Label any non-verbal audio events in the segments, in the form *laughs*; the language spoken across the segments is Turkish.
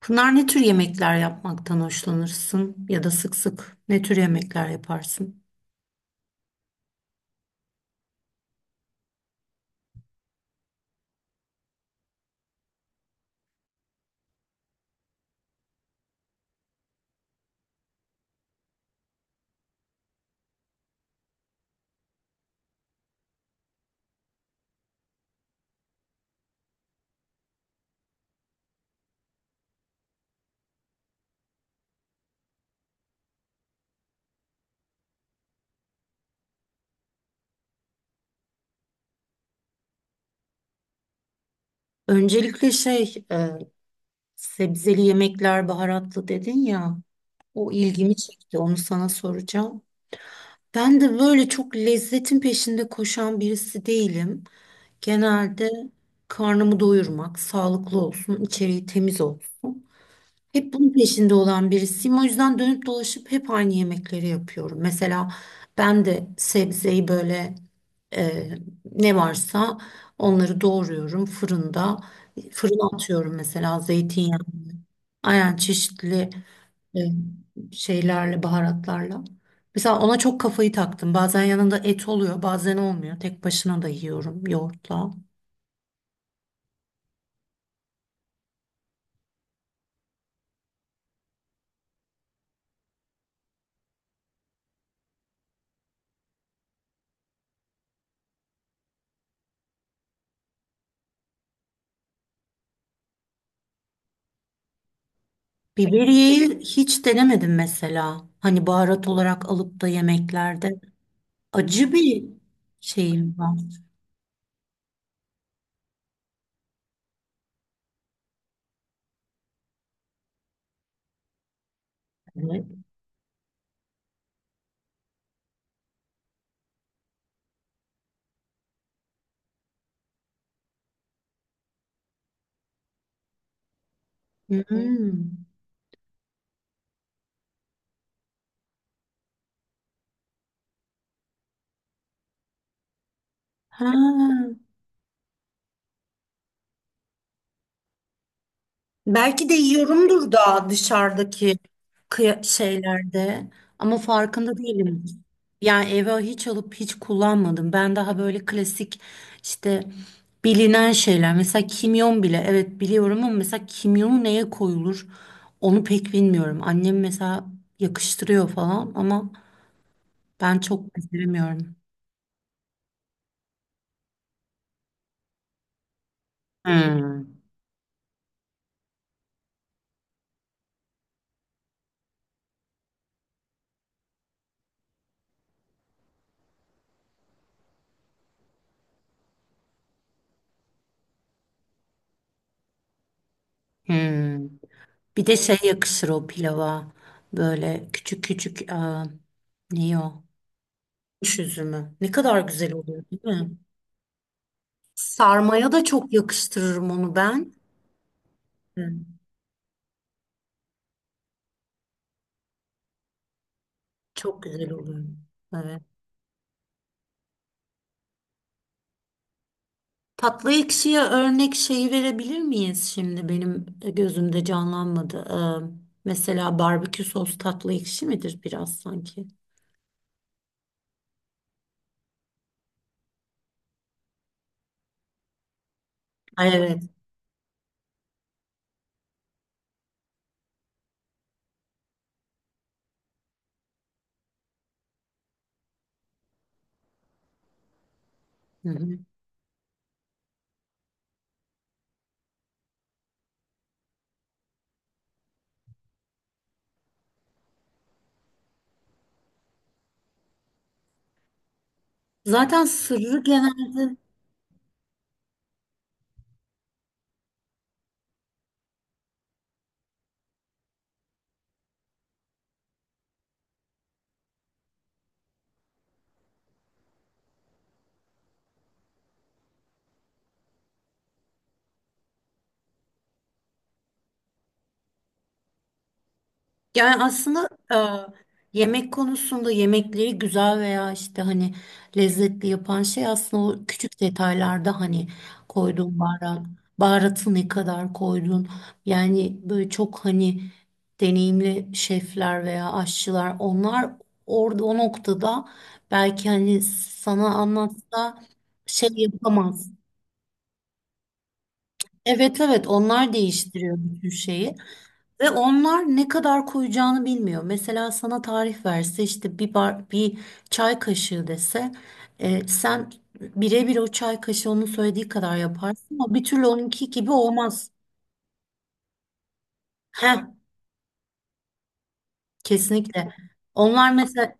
Pınar ne tür yemekler yapmaktan hoşlanırsın ya da sık sık ne tür yemekler yaparsın? Öncelikle sebzeli yemekler baharatlı dedin ya, o ilgimi çekti, onu sana soracağım. Ben de böyle çok lezzetin peşinde koşan birisi değilim. Genelde karnımı doyurmak, sağlıklı olsun, içeriği temiz olsun. Hep bunun peşinde olan birisiyim. O yüzden dönüp dolaşıp hep aynı yemekleri yapıyorum. Mesela ben de sebzeyi böyle, e, ne varsa onları doğruyorum fırında. Fırına atıyorum, mesela zeytinyağı. Aynen, çeşitli e, şeylerle, baharatlarla. Mesela ona çok kafayı taktım. Bazen yanında et oluyor, bazen olmuyor. Tek başına da yiyorum yoğurtla. Biberiyeyi hiç denemedim mesela. Hani baharat olarak alıp da yemeklerde. Acı bir şeyim var. Evet. Hmm. Ha. Belki de yiyorumdur da dışarıdaki şeylerde, ama farkında değilim. Yani eve hiç alıp hiç kullanmadım. Ben daha böyle klasik, işte bilinen şeyler. Mesela kimyon bile, evet, biliyorum ama mesela kimyonu neye koyulur onu pek bilmiyorum. Annem mesela yakıştırıyor falan ama ben çok beceremiyorum. Hmm. Hmm. Bir de şey yakışır o pilava. Böyle küçük küçük, aa, ne o? Kuş üzümü. Ne kadar güzel oluyor değil mi? Sarmaya da çok yakıştırırım onu ben. Hı. Çok güzel oluyor. Evet. Tatlı ekşiye örnek şeyi verebilir miyiz şimdi? Benim gözümde canlanmadı. Mesela barbekü sos tatlı ekşi midir biraz sanki? Ay, evet. Hı hı. Zaten sırrı genelde... Yani aslında yemek konusunda yemekleri güzel veya işte hani lezzetli yapan şey aslında o küçük detaylarda, hani koyduğun baharat, baharatı ne kadar koydun. Yani böyle çok hani deneyimli şefler veya aşçılar, onlar orada o noktada belki hani sana anlatsa şey yapamaz. Evet evet, onlar değiştiriyor bütün şeyi. Ve onlar ne kadar koyacağını bilmiyor. Mesela sana tarif verse, işte bir bar, bir çay kaşığı dese, sen birebir o çay kaşığı onun söylediği kadar yaparsın ama bir türlü onunki gibi olmaz. Heh, kesinlikle. Onlar mesela,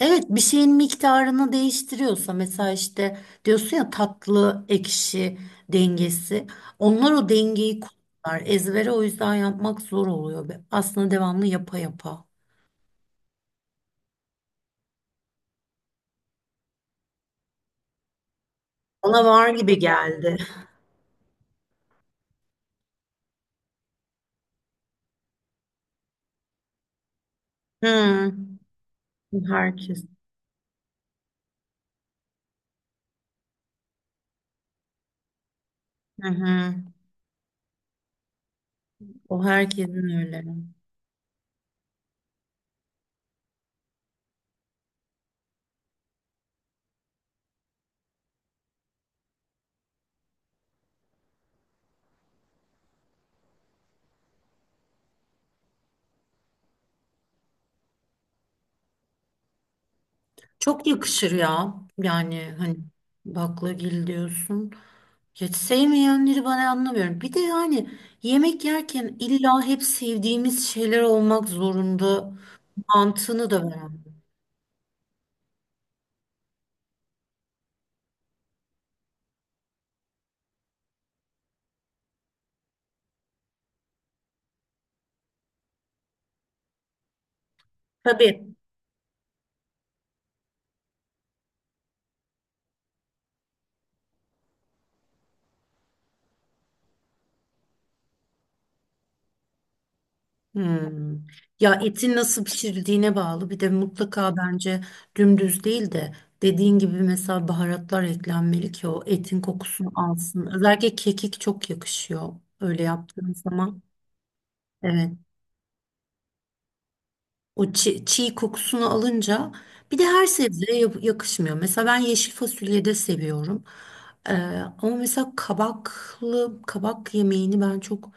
evet, bir şeyin miktarını değiştiriyorsa, mesela işte diyorsun ya, tatlı ekşi dengesi. Onlar o dengeyi kullanırlar. Ezbere o yüzden yapmak zor oluyor. Aslında devamlı yapa yapa. Bana var gibi geldi. Hı. Herkes. Hı hı. O herkesin öyle. Çok yakışır ya. Yani hani baklagil diyorsun. Hiç sevmeyenleri ben anlamıyorum. Bir de yani yemek yerken illa hep sevdiğimiz şeyler olmak zorunda mantığını da ben anlamıyorum. Tabii. Hmm. Ya etin nasıl pişirildiğine bağlı. Bir de mutlaka bence dümdüz değil de dediğin gibi mesela baharatlar eklenmeli ki o etin kokusunu alsın. Özellikle kekik çok yakışıyor öyle yaptığın zaman. Evet. O çiğ, kokusunu alınca, bir de her sebzeye yakışmıyor. Mesela ben yeşil fasulyeyi de seviyorum. Ee, Ama mesela kabaklı, kabak yemeğini ben çok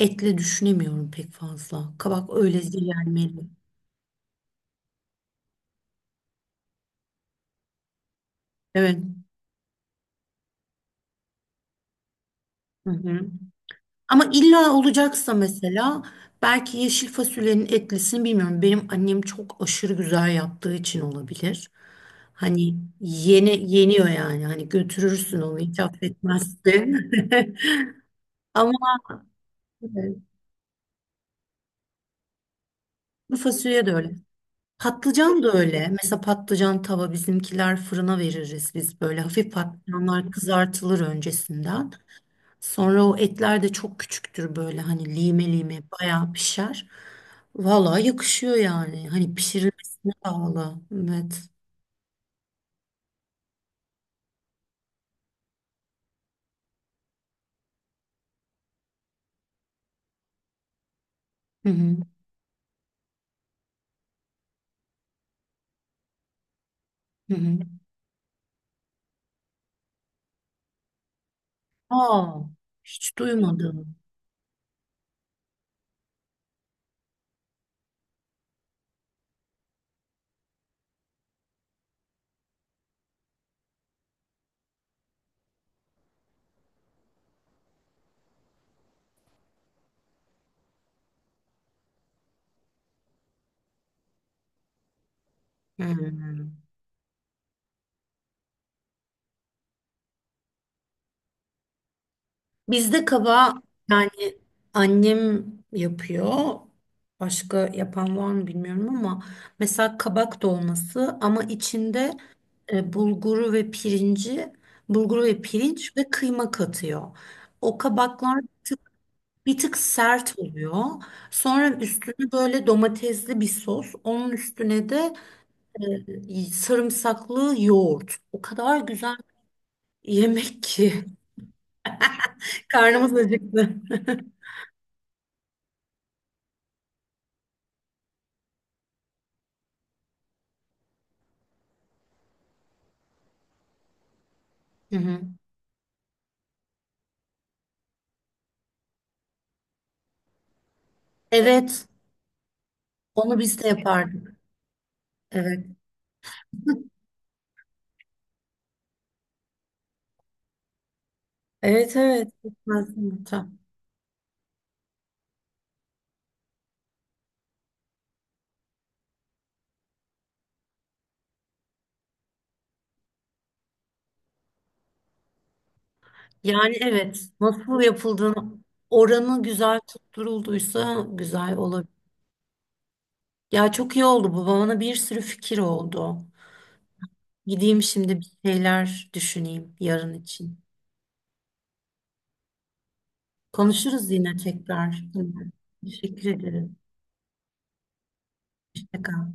etle düşünemiyorum pek fazla. Kabak öyle yenmeli. Evet. Hı hı. Ama illa olacaksa, mesela belki yeşil fasulyenin etlisini, bilmiyorum, benim annem çok aşırı güzel yaptığı için olabilir. Hani yeni yeniyor yani. Hani götürürsün onu hiç affetmezsin. *laughs* Ama evet, bu fasulye de öyle. Patlıcan da öyle. Mesela patlıcan tava, bizimkiler fırına veririz biz böyle. Hafif patlıcanlar kızartılır öncesinden. Sonra o etler de çok küçüktür böyle, hani lime lime bayağı pişer. Vallahi yakışıyor yani. Hani pişirilmesine bağlı. Evet. Hı hı. Hı hı. Aa, hiç duymadım. Hı. Bizde kaba, yani annem yapıyor. Başka yapan var mı bilmiyorum ama mesela kabak dolması, ama içinde bulguru ve pirinci, bulguru ve pirinç ve kıyma katıyor. O kabaklar tık... Bir tık sert oluyor. Sonra üstüne böyle domatesli bir sos. Onun üstüne de sarımsaklı yoğurt. O kadar güzel bir yemek ki. *laughs* Karnımız acıktı. Hı hı. Evet, onu biz de yapardık. Evet. Evet evet. Pekmez yumurta. Yani evet, nasıl yapıldığını, oranı güzel tutturulduysa güzel olur. Ya çok iyi oldu bu, bana bir sürü fikir oldu. Gideyim şimdi bir şeyler düşüneyim yarın için. Konuşuruz yine tekrar. Teşekkür ederim. Hoşça kal.